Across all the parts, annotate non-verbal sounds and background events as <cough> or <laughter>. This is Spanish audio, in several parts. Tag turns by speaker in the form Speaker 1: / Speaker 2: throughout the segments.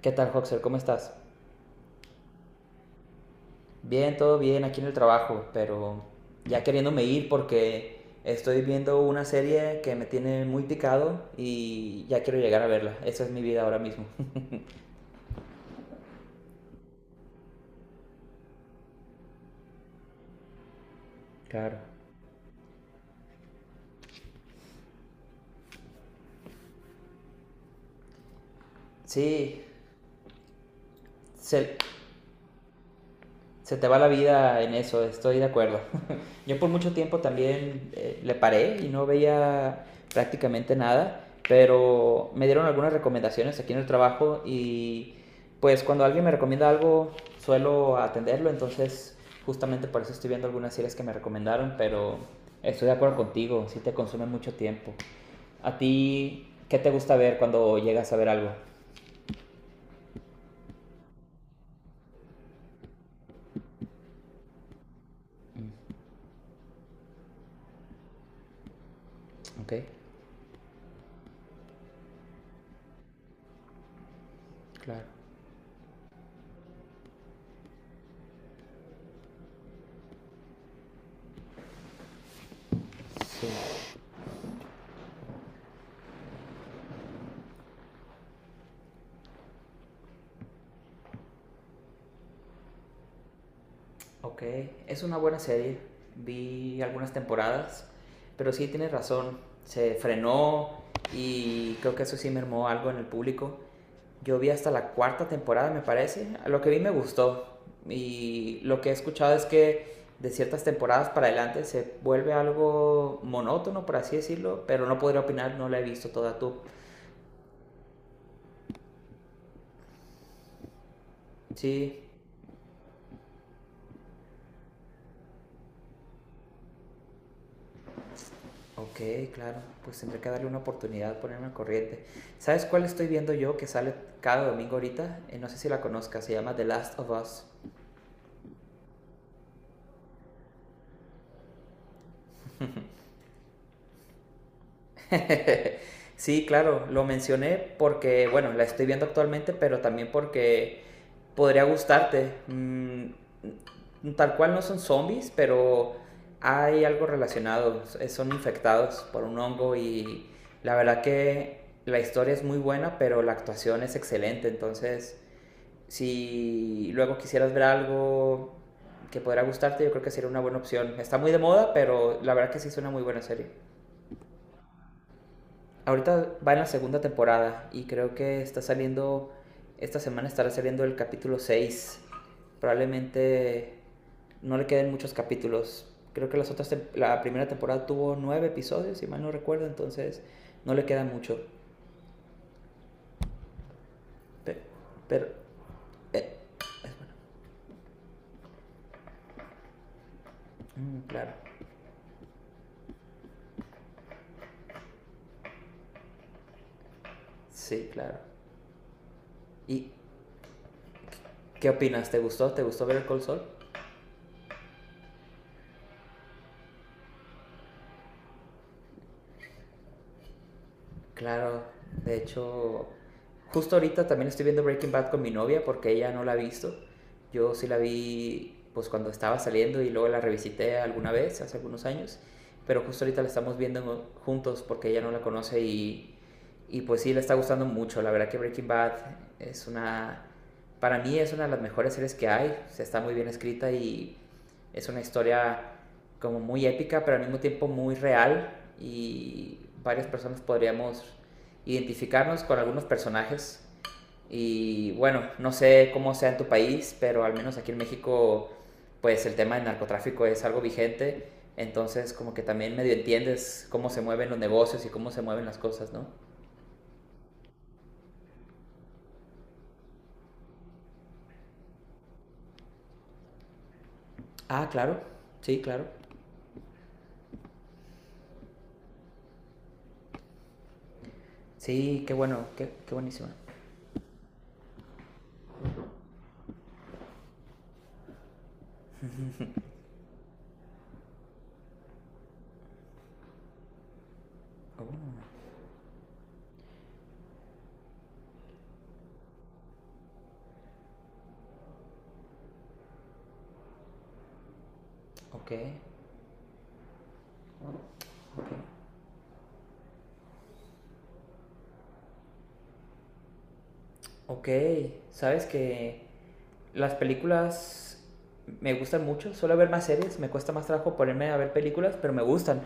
Speaker 1: ¿Qué tal, Hoxer? ¿Cómo estás? Bien, todo bien aquí en el trabajo, pero ya queriéndome ir porque estoy viendo una serie que me tiene muy picado y ya quiero llegar a verla. Esa es mi vida ahora mismo. <laughs> Claro. Sí, se- se te va la vida en eso, estoy de acuerdo. <laughs> Yo por mucho tiempo también le paré y no veía prácticamente nada, pero me dieron algunas recomendaciones aquí en el trabajo y pues cuando alguien me recomienda algo suelo atenderlo. Entonces, justamente por eso estoy viendo algunas series que me recomendaron, pero estoy de acuerdo contigo, sí te consume mucho tiempo. ¿A ti qué te gusta ver cuando llegas a ver algo? Ok, claro. Sí. Ok, es una buena serie. Vi algunas temporadas, pero sí tienes razón. Se frenó y creo que eso sí mermó algo en el público. Yo vi hasta la cuarta temporada, me parece. Lo que vi me gustó. Y lo que he escuchado es que de ciertas temporadas para adelante se vuelve algo monótono, por así decirlo. Pero no podría opinar, no la he visto toda tú. Sí. Ok, claro, pues tendré que darle una oportunidad, ponerme al corriente. ¿Sabes cuál estoy viendo yo que sale cada domingo ahorita? No sé si la conozcas, se llama The Last of Us. <laughs> Sí, claro, lo mencioné porque, bueno, la estoy viendo actualmente, pero también porque podría gustarte. Mm, mm, tal cual no son zombies, pero hay algo relacionado. Son infectados por un hongo y la verdad que la historia es muy buena, pero la actuación es excelente. Entonces, si luego quisieras ver algo que podrá gustarte, yo creo que sería una buena opción. Está muy de moda, pero la verdad que sí es una muy buena serie. Ahorita va en la segunda temporada y creo que está saliendo, esta semana estará saliendo el capítulo seis. Probablemente no le queden muchos capítulos. Creo que la primera temporada tuvo nueve episodios, si mal no recuerdo, entonces no le queda mucho. Pero, pero, eh, mm, claro, sí, claro. Y ¿qué opinas? ¿Te gustó? ¿Te gustó ver el Cold Soul? Claro, de hecho, justo ahorita también estoy viendo Breaking Bad con mi novia porque ella no la ha visto. Yo sí la vi pues cuando estaba saliendo y luego la revisité alguna vez hace algunos años, pero justo ahorita la estamos viendo juntos porque ella no la conoce, y pues sí le está gustando mucho. La verdad que Breaking Bad es una, para mí es una de las mejores series que hay. O sea, está muy bien escrita y es una historia como muy épica, pero al mismo tiempo muy real, y varias personas podríamos identificarnos con algunos personajes. Y bueno, no sé cómo sea en tu país, pero al menos aquí en México, pues el tema del narcotráfico es algo vigente. Entonces, como que también medio entiendes cómo se mueven los negocios y cómo se mueven las cosas, ¿no? Ah, claro. Sí, claro. Sí, qué bueno, qué buenísima. Ok, ok. Ok, sabes que las películas me gustan mucho, suelo ver más series, me cuesta más trabajo ponerme a ver películas, pero me gustan.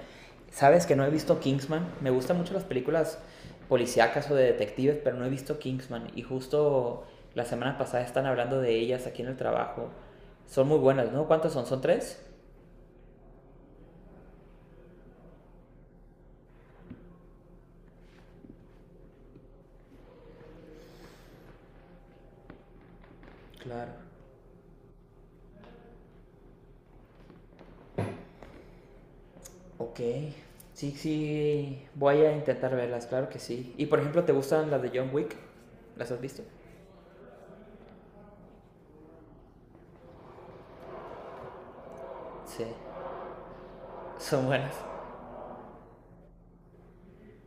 Speaker 1: Sabes que no he visto Kingsman, me gustan mucho las películas policíacas o de detectives, pero no he visto Kingsman y justo la semana pasada están hablando de ellas aquí en el trabajo. Son muy buenas, ¿no? ¿Cuántas son? ¿Son tres? Claro. Ok. Sí, sí, voy a intentar verlas, claro que sí. Y por ejemplo, ¿te gustan las de John Wick? ¿Las has visto? Sí. Son buenas.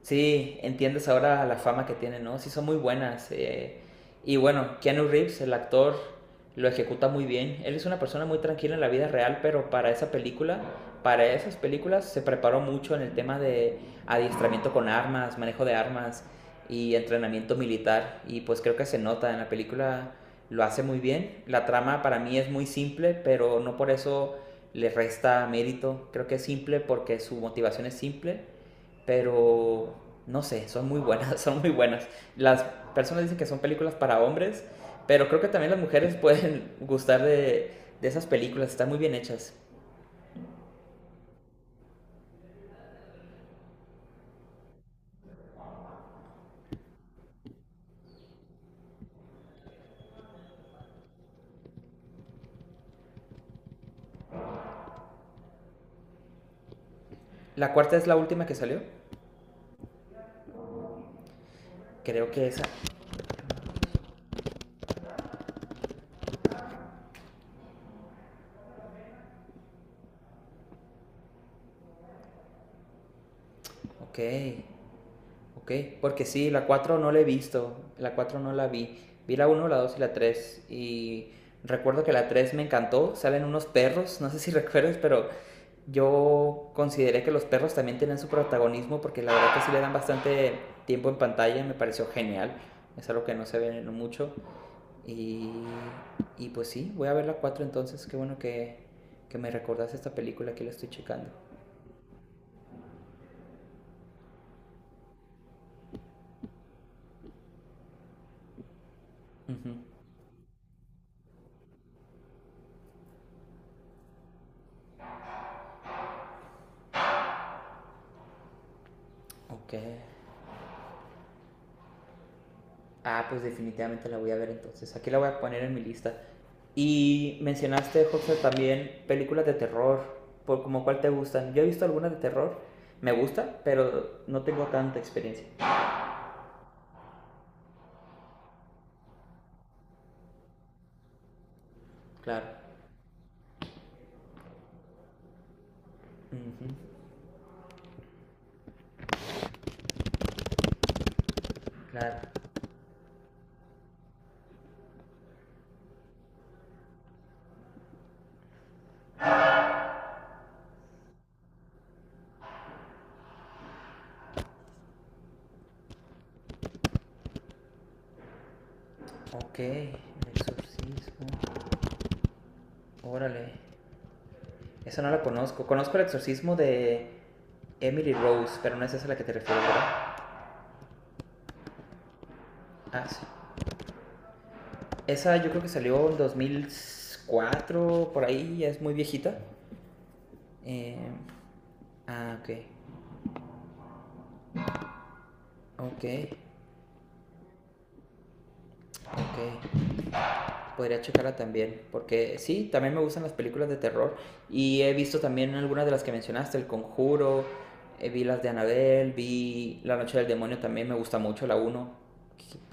Speaker 1: Sí, entiendes ahora la fama que tiene, ¿no? Sí, son muy buenas. Y bueno, Keanu Reeves, el actor, lo ejecuta muy bien. Él es una persona muy tranquila en la vida real, pero para esa película, para esas películas, se preparó mucho en el tema de adiestramiento con armas, manejo de armas y entrenamiento militar. Y pues creo que se nota en la película, lo hace muy bien. La trama para mí es muy simple, pero no por eso le resta mérito. Creo que es simple porque su motivación es simple, pero no sé, son muy buenas, <laughs> son muy buenas. Las personas dicen que son películas para hombres, pero creo que también las mujeres <laughs> pueden gustar de esas películas, están muy bien hechas. La cuarta es la última que salió, creo que esa. Ok, ok, porque sí, la cuatro no la he visto, la cuatro no la vi. Vi la uno, la dos y la tres, y recuerdo que la tres me encantó, salen unos perros, <laughs> no sé si recuerdas, pero yo consideré que los perros también tienen su protagonismo porque la verdad que sí le dan bastante tiempo en pantalla, me pareció genial. Es algo que no se ve mucho. Y, y pues sí, voy a ver la 4 entonces. Qué bueno que me recordaste esta película, aquí la estoy checando. Ujú. Ok. Ah, pues definitivamente la voy a ver entonces. Aquí la voy a poner en mi lista. Y mencionaste, José, también películas de terror. ¿Por como cuál te gustan? Yo he visto algunas de terror. Me gusta, pero no tengo tanta experiencia. Claro. Ujú. Claro. Ok, el exorcismo. Órale. Esa no la conozco. Conozco el exorcismo de Emily Rose, pero no es esa a la que te refieres, ¿verdad? Ah, sí. Esa yo creo que salió en 2004 por ahí, ya es muy viejita. Eh, ah, ok. Ok, ok. Podría checarla también, porque sí, también me gustan las películas de terror y he visto también algunas de las que mencionaste, El Conjuro, vi las de Annabelle, vi La Noche del Demonio también, me gusta mucho la uno,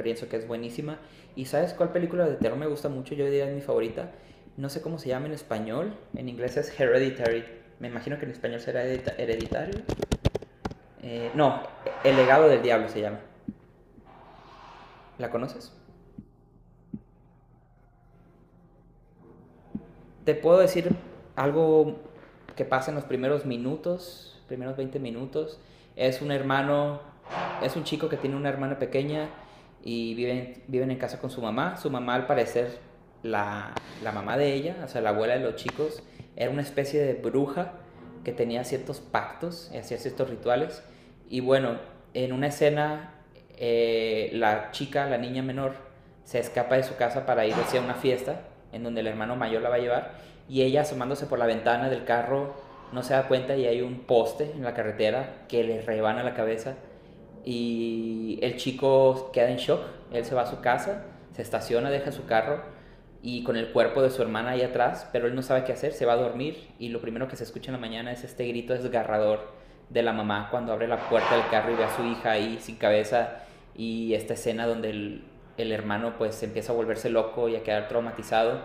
Speaker 1: pienso que es buenísima. ¿Y sabes cuál película de terror me gusta mucho? Yo diría es mi favorita. No sé cómo se llama en español, en inglés es Hereditary, me imagino que en español será hereditario. No, El legado del diablo se llama. ¿La conoces? Te puedo decir algo que pasa en los primeros minutos, primeros 20 minutos. Es un hermano, es un chico que tiene una hermana pequeña y viven en casa con su mamá. Su mamá, al parecer, la, la mamá de ella, o sea, la abuela de los chicos, era una especie de bruja que tenía ciertos pactos y hacía ciertos rituales. Y bueno, en una escena, la chica, la niña menor, se escapa de su casa para ir hacia una fiesta en donde el hermano mayor la va a llevar, y ella asomándose por la ventana del carro no se da cuenta y hay un poste en la carretera que le rebana la cabeza y el chico queda en shock. Él se va a su casa, se estaciona, deja su carro y con el cuerpo de su hermana ahí atrás, pero él no sabe qué hacer, se va a dormir y lo primero que se escucha en la mañana es este grito desgarrador de la mamá cuando abre la puerta del carro y ve a su hija ahí sin cabeza, y esta escena donde el hermano pues empieza a volverse loco y a quedar traumatizado.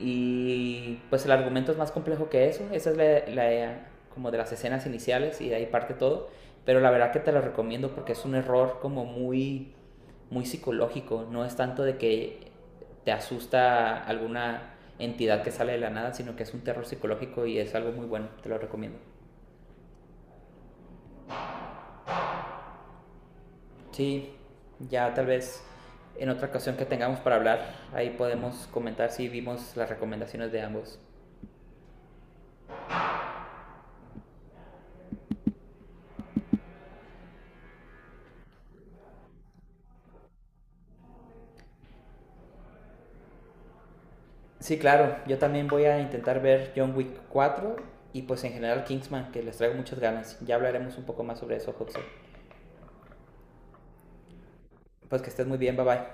Speaker 1: Y pues el argumento es más complejo que eso, esa es la como de las escenas iniciales y de ahí parte todo, pero la verdad que te lo recomiendo porque es un error como muy, muy psicológico. No es tanto de que te asusta alguna entidad que sale de la nada, sino que es un terror psicológico y es algo muy bueno. Te lo recomiendo. Sí, ya tal vez en otra ocasión que tengamos para hablar, ahí podemos comentar si vimos las recomendaciones de ambos. Sí, claro, yo también voy a intentar ver John Wick 4 y pues en general Kingsman, que les traigo muchas ganas. Ya hablaremos un poco más sobre eso, Hudson. Pues que estés muy bien, bye bye.